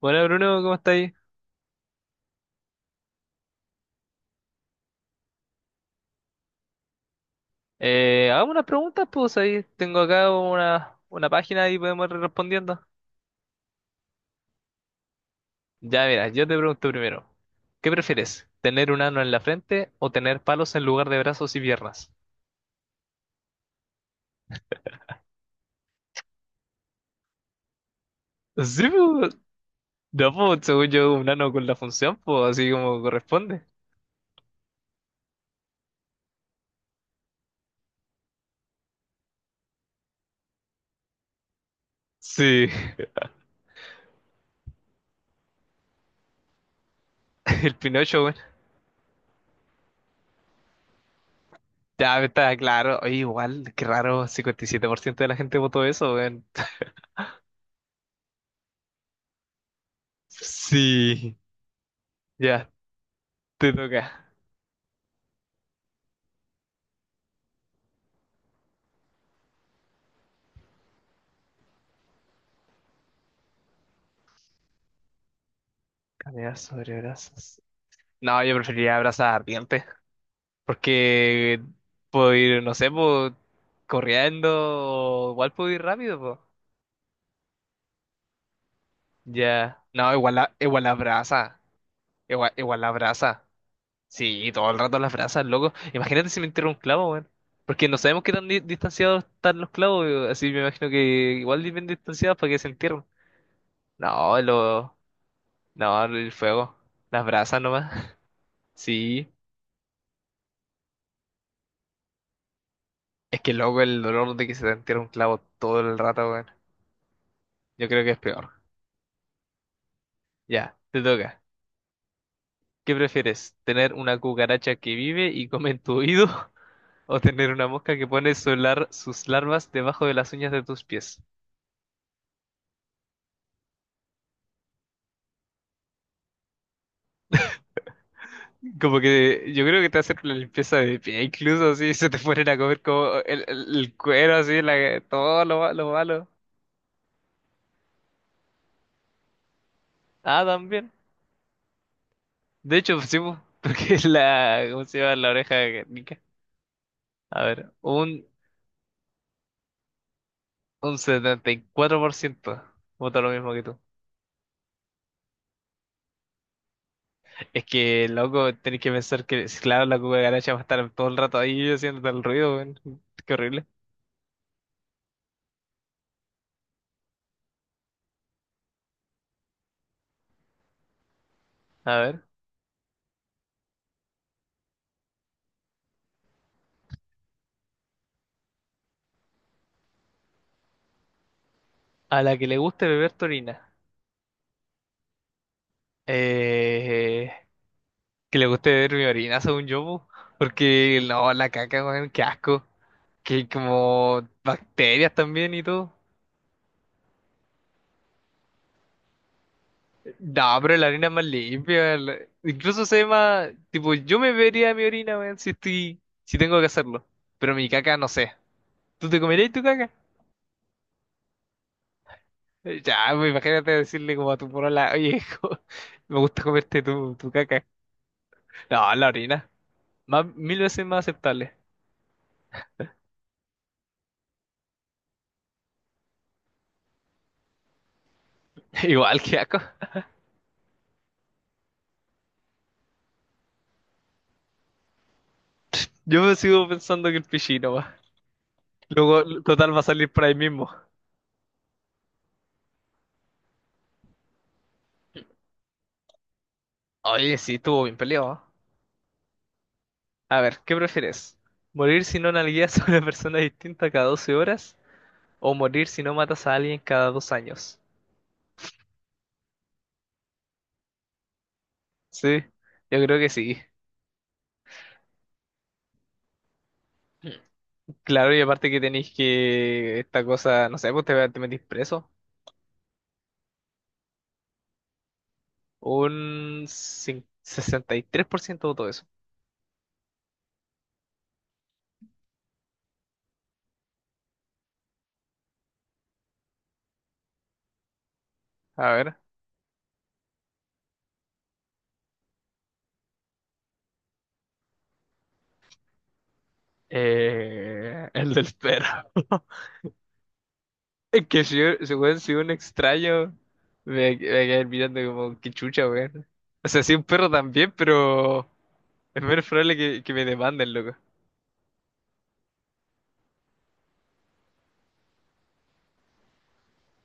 Hola Bruno, ¿cómo estáis? Hagamos unas preguntas, pues ahí tengo acá una página y podemos ir respondiendo. Ya, mira, yo te pregunto primero, ¿qué prefieres? ¿Tener un ano en la frente o tener palos en lugar de brazos y piernas? Sí, pues, no, pues, según yo, un ano con la función, pues así como corresponde. Sí, el Pinocho, bueno. Ya, está claro. Oye, igual, qué raro, 57% de la gente votó eso, weón. Sí, ya, te toca. Caminar sobre brazos. No, yo preferiría abrazar ardiente, porque puedo ir, no sé, pues, corriendo, o igual puedo ir rápido, pues. Ya. No, igual la brasa, igual la brasa. Sí, todo el rato las brasas, loco. Imagínate si me entierra un clavo, weón. Porque no sabemos qué tan distanciados están los clavos, así me imagino que igual bien distanciados para que se entierren. No, no, el fuego, las brasas nomás. Sí, es que loco el dolor de que se te entierre un clavo todo el rato, weón. Yo creo que es peor. Ya, te toca. ¿Qué prefieres? ¿Tener una cucaracha que vive y come en tu oído? ¿O tener una mosca que pone sus larvas debajo de las uñas de tus pies? Como que yo creo que te hacen una limpieza de pie, incluso si se te ponen a comer como el cuero, así, la, todo lo malo. Ah, también. De hecho, pues sí, po, porque es ¿cómo se llama? La oreja de Guernica. A ver, un 74% vota lo mismo que tú. Es que, loco, tenés que pensar que, si, claro, la cucaracha va a estar todo el rato ahí haciendo tal ruido, weón. Qué horrible. A ver. A la que le guste beber tu orina. Eh, que le guste beber mi orina, según yo, po. Porque, no, la caca, weón, qué asco. Que hay como bacterias también y todo. No, pero la orina es más limpia. Incluso se ve más, tipo, yo me bebería mi orina, weón, si estoy, si tengo que hacerlo. Pero mi caca, no sé. ¿Tú te comerías tu caca? Ya, pues, imagínate decirle como a tu porola, oye, como, me gusta comerte tu caca. No, la orina. Más, mil veces más aceptable. Igual que asco. Yo me sigo pensando que el pichino va. Luego, total, va a salir por ahí mismo. Oye, sí, estuvo bien peleado, ¿ah? A ver, ¿qué prefieres? ¿Morir si no nalgueas a una persona distinta cada 12 horas? ¿O morir si no matas a alguien cada 2 años? Sí, yo creo que sí. Claro, y aparte que tenéis que esta cosa, no sé, pues te metís preso. 63% votó eso. A ver. El del perro. Es que si, weón, si un extraño me quedar mirando como que chucha, weón. O sea, si un perro también, pero es menos probable que, me demanden, loco.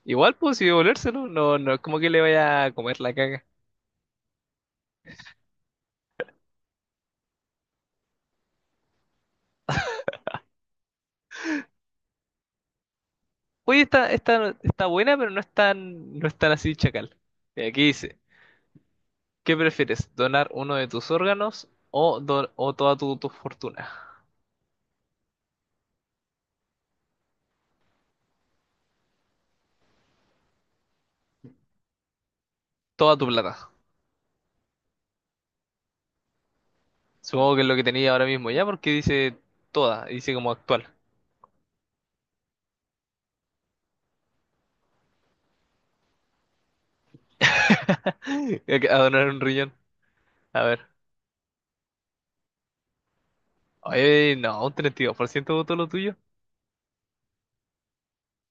Igual, pues, si devolvérselo, no, no es como que le vaya a comer la caga. Oye, está buena, pero no es tan así chacal. Y aquí dice, ¿qué prefieres? ¿Donar uno de tus órganos, o o toda tu fortuna? Toda tu plata. Supongo que es lo que tenía ahora mismo, ya, porque dice toda, dice como actual. A donar un riñón. A ver. Oye, no, un 32% votó lo tuyo.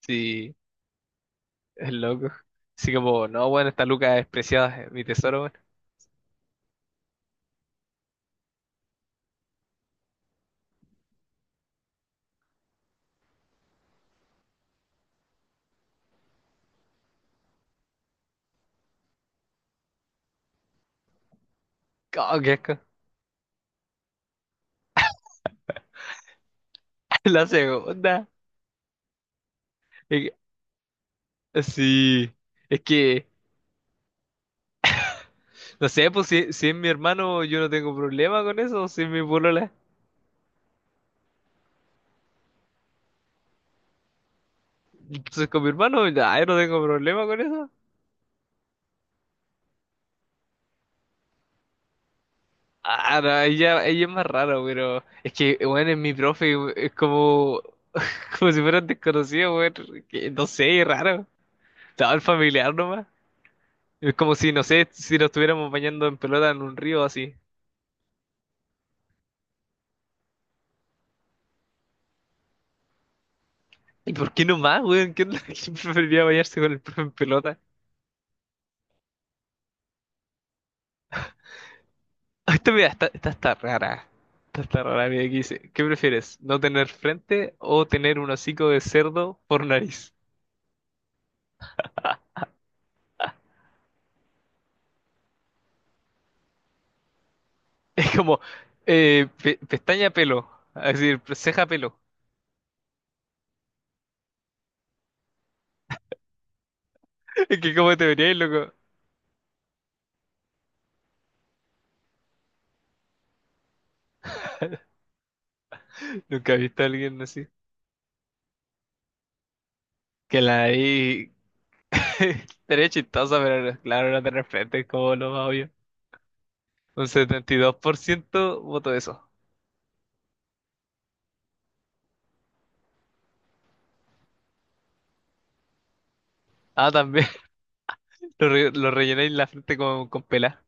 Sí, es loco. Así como, no, bueno, esta Luca es preciada, es mi tesoro, bueno. Oh, qué asco. La segunda. Es que- Sí. Es que, no sé, pues si es mi hermano, yo no tengo problema con eso. Si es mi polola. Entonces con mi hermano, ya, yo no tengo problema con eso. Ah, no, ella es más rara, pero es que, bueno, es mi profe, es como, como si fueran desconocidos, weón, que no sé, es raro. Estaba el familiar nomás. Es como si, no sé, si nos estuviéramos bañando en pelota en un río así. ¿Y por qué nomás, weón? ¿Qué onda? ¿Quién preferiría bañarse con el profe en pelota? Ah, esta mira, está, esta está rara. Esta está rara, mira, aquí dice, ¿qué prefieres? ¿No tener frente o tener un hocico de cerdo por nariz? Es como, pestaña pelo, es decir, ceja pelo. Es que cómo te verías, loco. Nunca he visto a alguien así. Que la ahí estaría chistosa, pero no, claro, era de repente es como lo más obvio. Un 72% voto eso. Ah, también lo rellené la frente con pelar.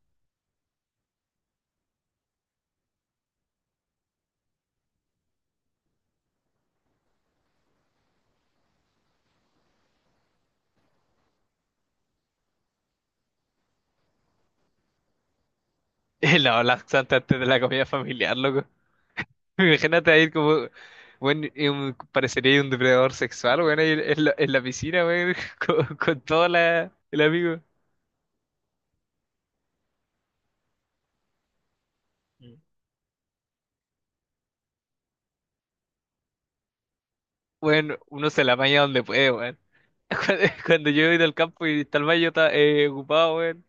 No, laxante antes de la comida familiar, loco. Imagínate ahí como, bueno, parecería un depredador sexual, bueno, ahí en la piscina, weón, con todo el amigo. Mm. Bueno, uno se la apaña donde puede, weón. Cuando yo he ido al campo y está el baño está, ocupado, weón.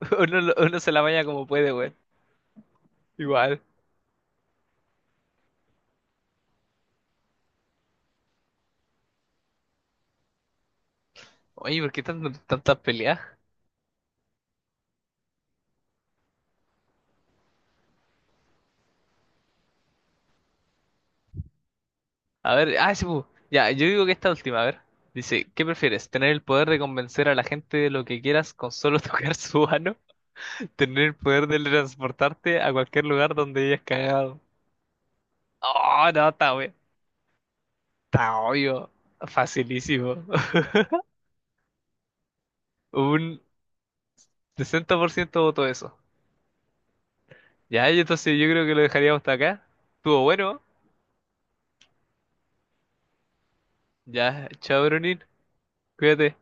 Uno se la baña como puede, weón. Igual. Oye, ¿por qué tantas peleas? A ver, ah, sí, pu. Ya, yo digo que esta última, a ver. Dice, ¿qué prefieres? ¿Tener el poder de convencer a la gente de lo que quieras con solo tocar su mano? ¿Tener el poder de transportarte a cualquier lugar donde hayas cagado? Oh, no, está, weón. Está obvio. Facilísimo. Un 60% voto eso. Ya, y entonces yo creo que lo dejaríamos hasta acá. Estuvo bueno. Ya, chao, Brunín. Cuídate.